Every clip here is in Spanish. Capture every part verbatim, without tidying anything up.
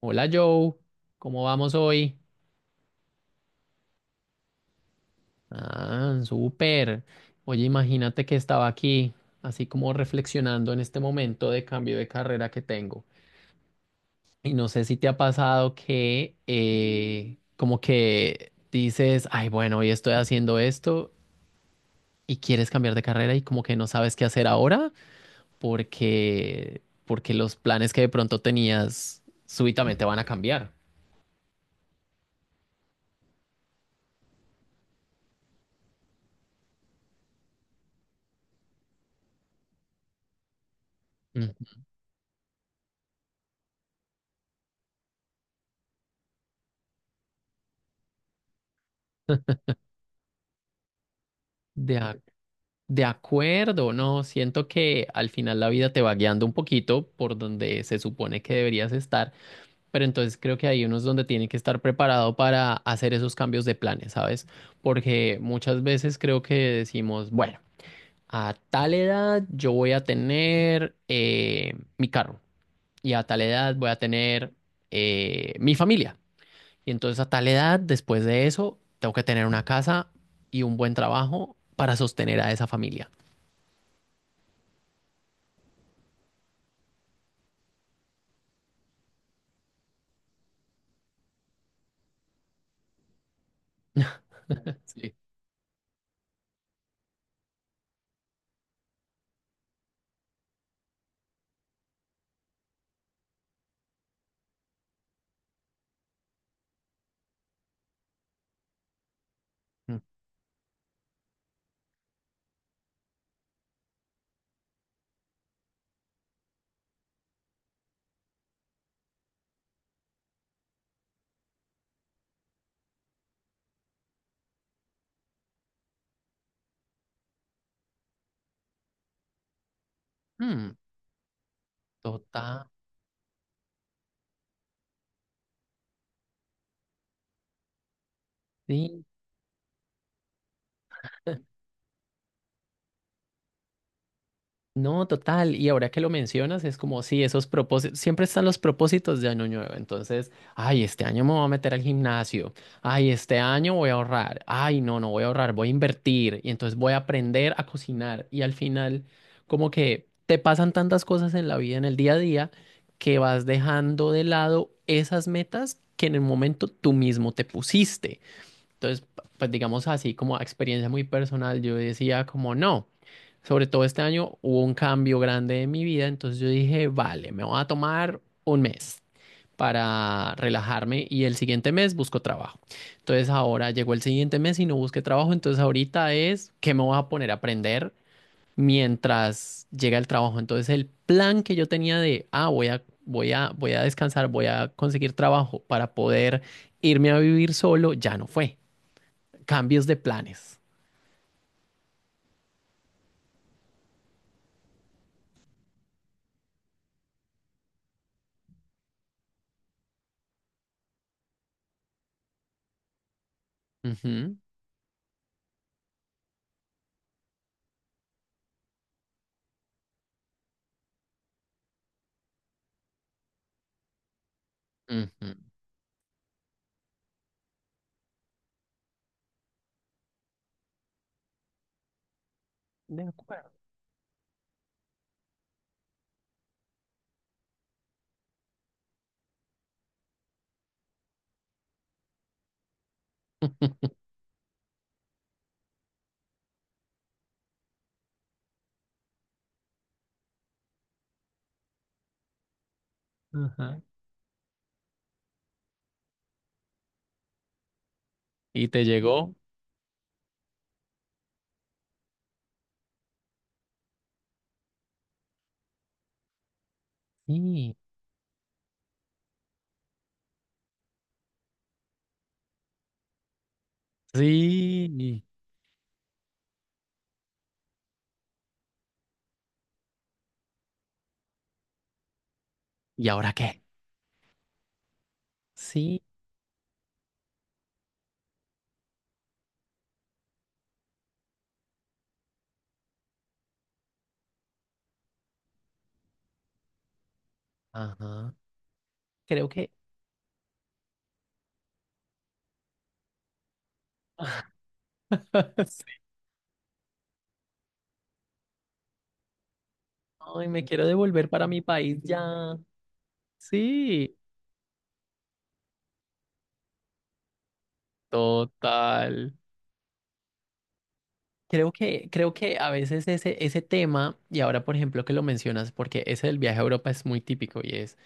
Hola Joe, ¿cómo vamos hoy? Ah, súper. Oye, imagínate que estaba aquí, así como reflexionando en este momento de cambio de carrera que tengo. Y no sé si te ha pasado que eh, como que dices, ay, bueno, hoy estoy haciendo esto y quieres cambiar de carrera y como que no sabes qué hacer ahora porque, porque los planes que de pronto tenías súbitamente van a cambiar. Mm. De ac- De acuerdo, no, siento que al final la vida te va guiando un poquito por donde se supone que deberías estar, pero entonces creo que hay unos donde tiene que estar preparado para hacer esos cambios de planes, ¿sabes? Porque muchas veces creo que decimos, bueno, a tal edad yo voy a tener eh, mi carro y a tal edad voy a tener eh, mi familia. Y entonces a tal edad, después de eso, tengo que tener una casa y un buen trabajo para sostener a esa familia. Sí. Ujú, total. Sí, no, total. Y ahora que lo mencionas, es como si esos propósitos, siempre están los propósitos de año nuevo. Entonces, ay, este año me voy a meter al gimnasio. Ay, este año voy a ahorrar. Ay, no, no voy a ahorrar, voy a invertir. Y entonces voy a aprender a cocinar. Y al final, como que te pasan tantas cosas en la vida, en el día a día, que vas dejando de lado esas metas que en el momento tú mismo te pusiste. Entonces, p- pues digamos así, como a experiencia muy personal, yo decía como no, sobre todo este año hubo un cambio grande en mi vida, entonces yo dije, vale, me voy a tomar un mes para relajarme y el siguiente mes busco trabajo. Entonces ahora llegó el siguiente mes y no busqué trabajo, entonces ahorita es que me voy a poner a aprender mientras llega el trabajo. Entonces el plan que yo tenía de, ah, voy a, voy a, voy a descansar, voy a conseguir trabajo para poder irme a vivir solo, ya no fue cambios de planes. Ujú, ujú. De- Ajá. ¿Y te llegó? Sí. Sí. ¿Y ahora qué? Sí. Ajá. Creo que Sí. Ay, me quiero devolver para mi país ya. Sí. Total. Creo que, creo que a veces ese, ese, tema, y ahora por ejemplo que lo mencionas, porque ese del viaje a Europa es muy típico y es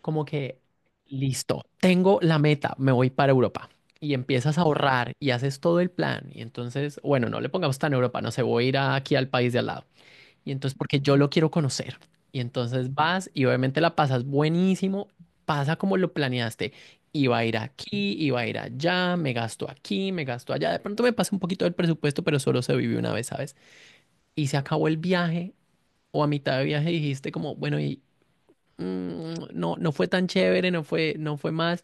como que, listo, tengo la meta, me voy para Europa. Y empiezas a ahorrar y haces todo el plan. Y entonces, bueno, no le pongamos tan Europa, no sé, voy a ir a- aquí al país de al lado. Y entonces, porque yo lo quiero conocer. Y entonces vas y obviamente la pasas buenísimo, pasa como lo planeaste. Iba a ir aquí, iba a ir allá, me gasto aquí, me gasto allá. De pronto me pasa un poquito del presupuesto, pero solo se vive una vez, ¿sabes? Y se acabó el viaje o a mitad de viaje dijiste como, bueno, ¿y, mm, no, no fue tan chévere, no fue, no fue más.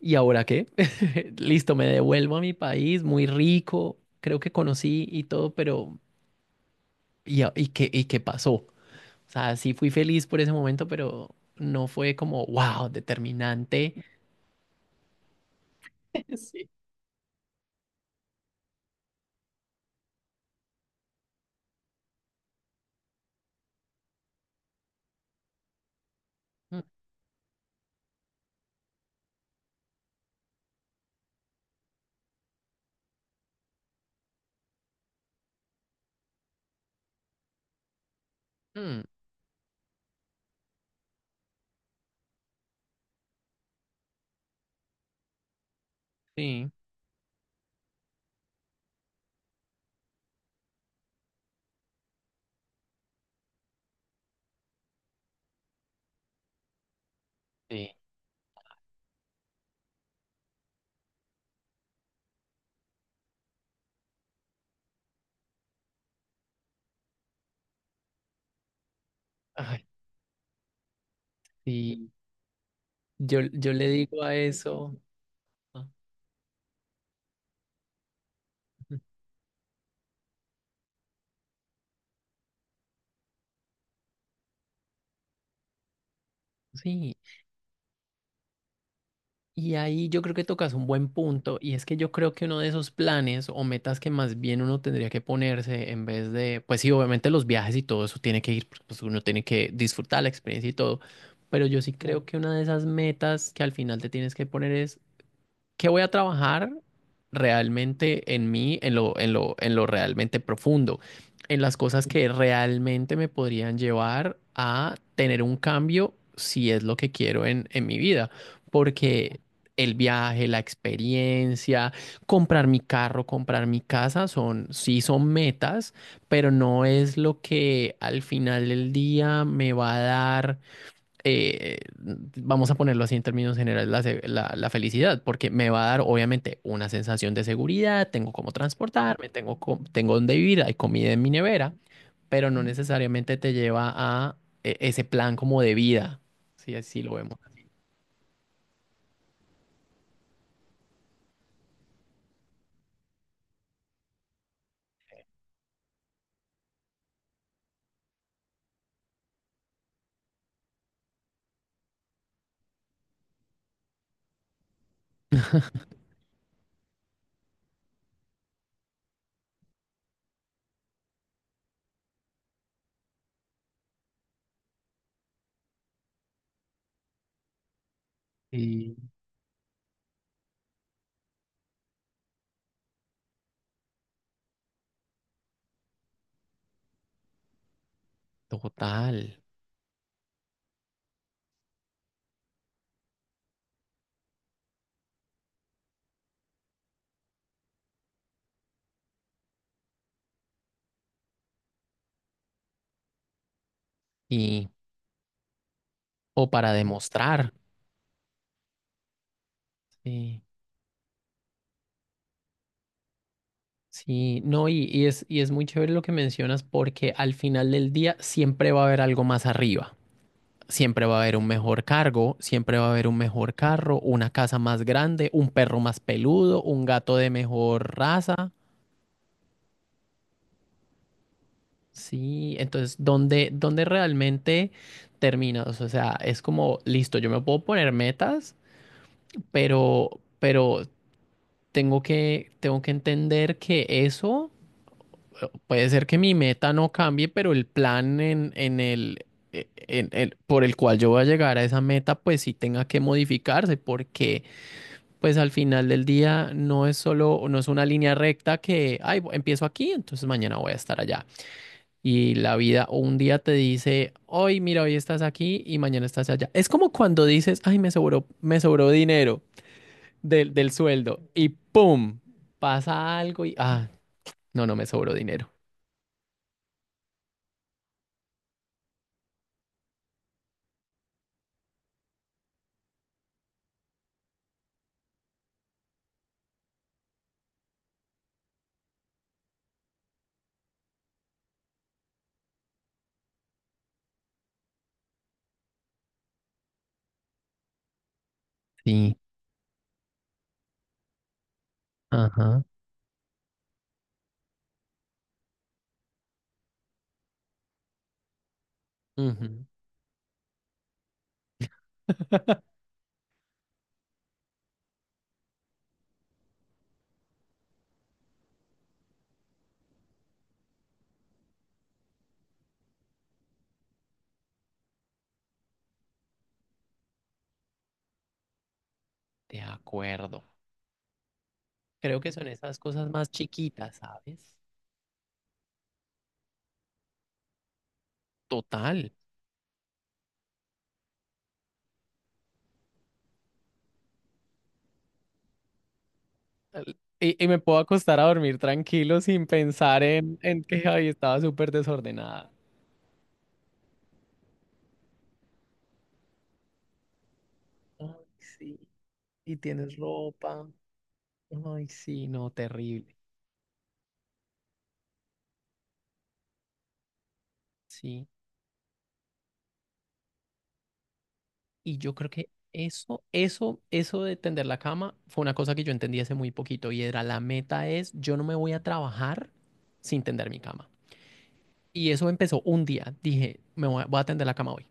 ¿Y ahora qué? Listo, me devuelvo a mi país, muy rico, creo que conocí y todo, pero ¿y, a- y qué, y qué pasó? O sea, sí fui feliz por ese momento, pero no fue como, wow, determinante. Sí. Mm, mm, sí, sí. Ay, sí. Yo, yo le digo a eso. Ah, sí. Y ahí yo creo que tocas un buen punto, y es que yo creo que uno de esos planes o metas que más bien uno tendría que ponerse en vez de, pues sí, obviamente los viajes y todo eso tiene que ir, porque, pues uno tiene que disfrutar la experiencia y todo, pero yo sí creo. Claro. Que una de esas metas que al final te tienes que poner es ¿qué voy a trabajar realmente en mí, en lo, en lo, en lo realmente profundo? En las cosas que realmente me podrían llevar a tener un cambio si es lo que quiero en, en mi vida. Porque el viaje, la experiencia, comprar mi carro, comprar mi casa, son, sí son metas, pero no es lo que al final del día me va a dar eh, vamos a ponerlo así en términos generales, la, se- la- la felicidad, porque me va a dar obviamente una sensación de seguridad, tengo cómo transportarme, tengo, co- tengo dónde vivir, hay comida en mi nevera, pero no necesariamente te lleva a eh, ese plan como de vida, si así lo vemos. Y Total. Y, o para demostrar. Sí, sí, no, y, y es, y es, muy chévere lo que mencionas porque al final del día siempre va a haber algo más arriba. Siempre va a haber un mejor cargo, siempre va a haber un mejor carro, una casa más grande, un perro más peludo, un gato de mejor raza. Sí, entonces, ¿dónde, dónde, realmente terminas? O sea, es como, listo, yo me puedo poner metas, pero, pero, tengo que, tengo que entender que eso eh, puede ser que mi meta no cambie, pero el plan en, en el, e- en el- por el cual yo voy a llegar a esa meta, pues sí tenga que modificarse, porque pues al final del día no es solo, no es una línea recta que, ay, bu- empiezo aquí, entonces mañana voy a estar allá. Y la vida o un día te dice, hoy, mira, hoy estás aquí y mañana estás allá. Es como cuando dices, ay, me sobró, me sobró, dinero del, del sueldo y ¡pum! Pasa algo y, ah, no, no me sobró dinero. Sí, ajá. Ujú. De acuerdo. Creo que son esas cosas más chiquitas, ¿sabes? Total. Y, y me puedo acostar a dormir tranquilo sin pensar en, en que ay, estaba súper desordenada. Ay, sí. Y tienes ropa. Ay, sí, no, terrible. Sí. Y yo creo que eso, eso, eso, de tender la cama fue una cosa que yo entendí hace muy poquito y era la meta es, yo no me voy a trabajar sin tender mi cama. Y eso empezó un día. Dije, me voy a, voy a, tender la cama hoy.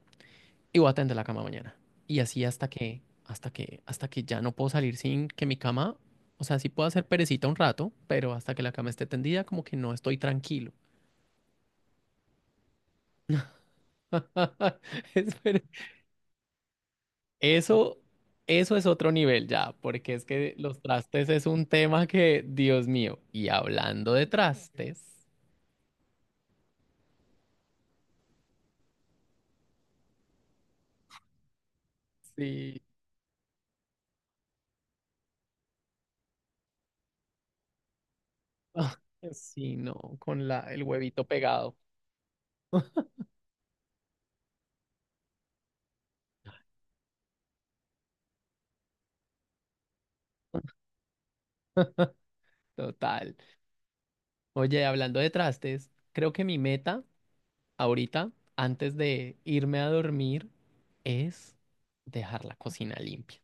Y voy a tender la cama mañana. Y así hasta que, hasta que, hasta que ya no puedo salir sin que mi cama, o sea, sí puedo hacer perecita un rato, pero hasta que la cama esté tendida, como que no estoy tranquilo. Es Eso, eso es otro nivel ya, porque es que los trastes es un tema que, Dios mío, y hablando de trastes, sí, ah, sí, no, con la, el huevito pegado, total. Oye, hablando de trastes, creo que mi meta ahorita, antes de irme a dormir, es dejar la cocina limpia.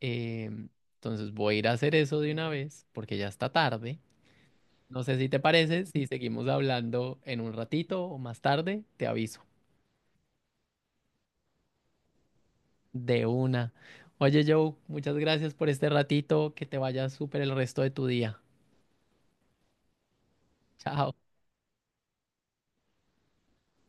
Em, entonces voy a ir a hacer eso de una vez porque ya está tarde. No sé si te parece, si seguimos hablando en un ratito o más tarde, te aviso. De una. Oye, Joe, muchas gracias por este ratito. Que te vaya súper el resto de tu día. Chao.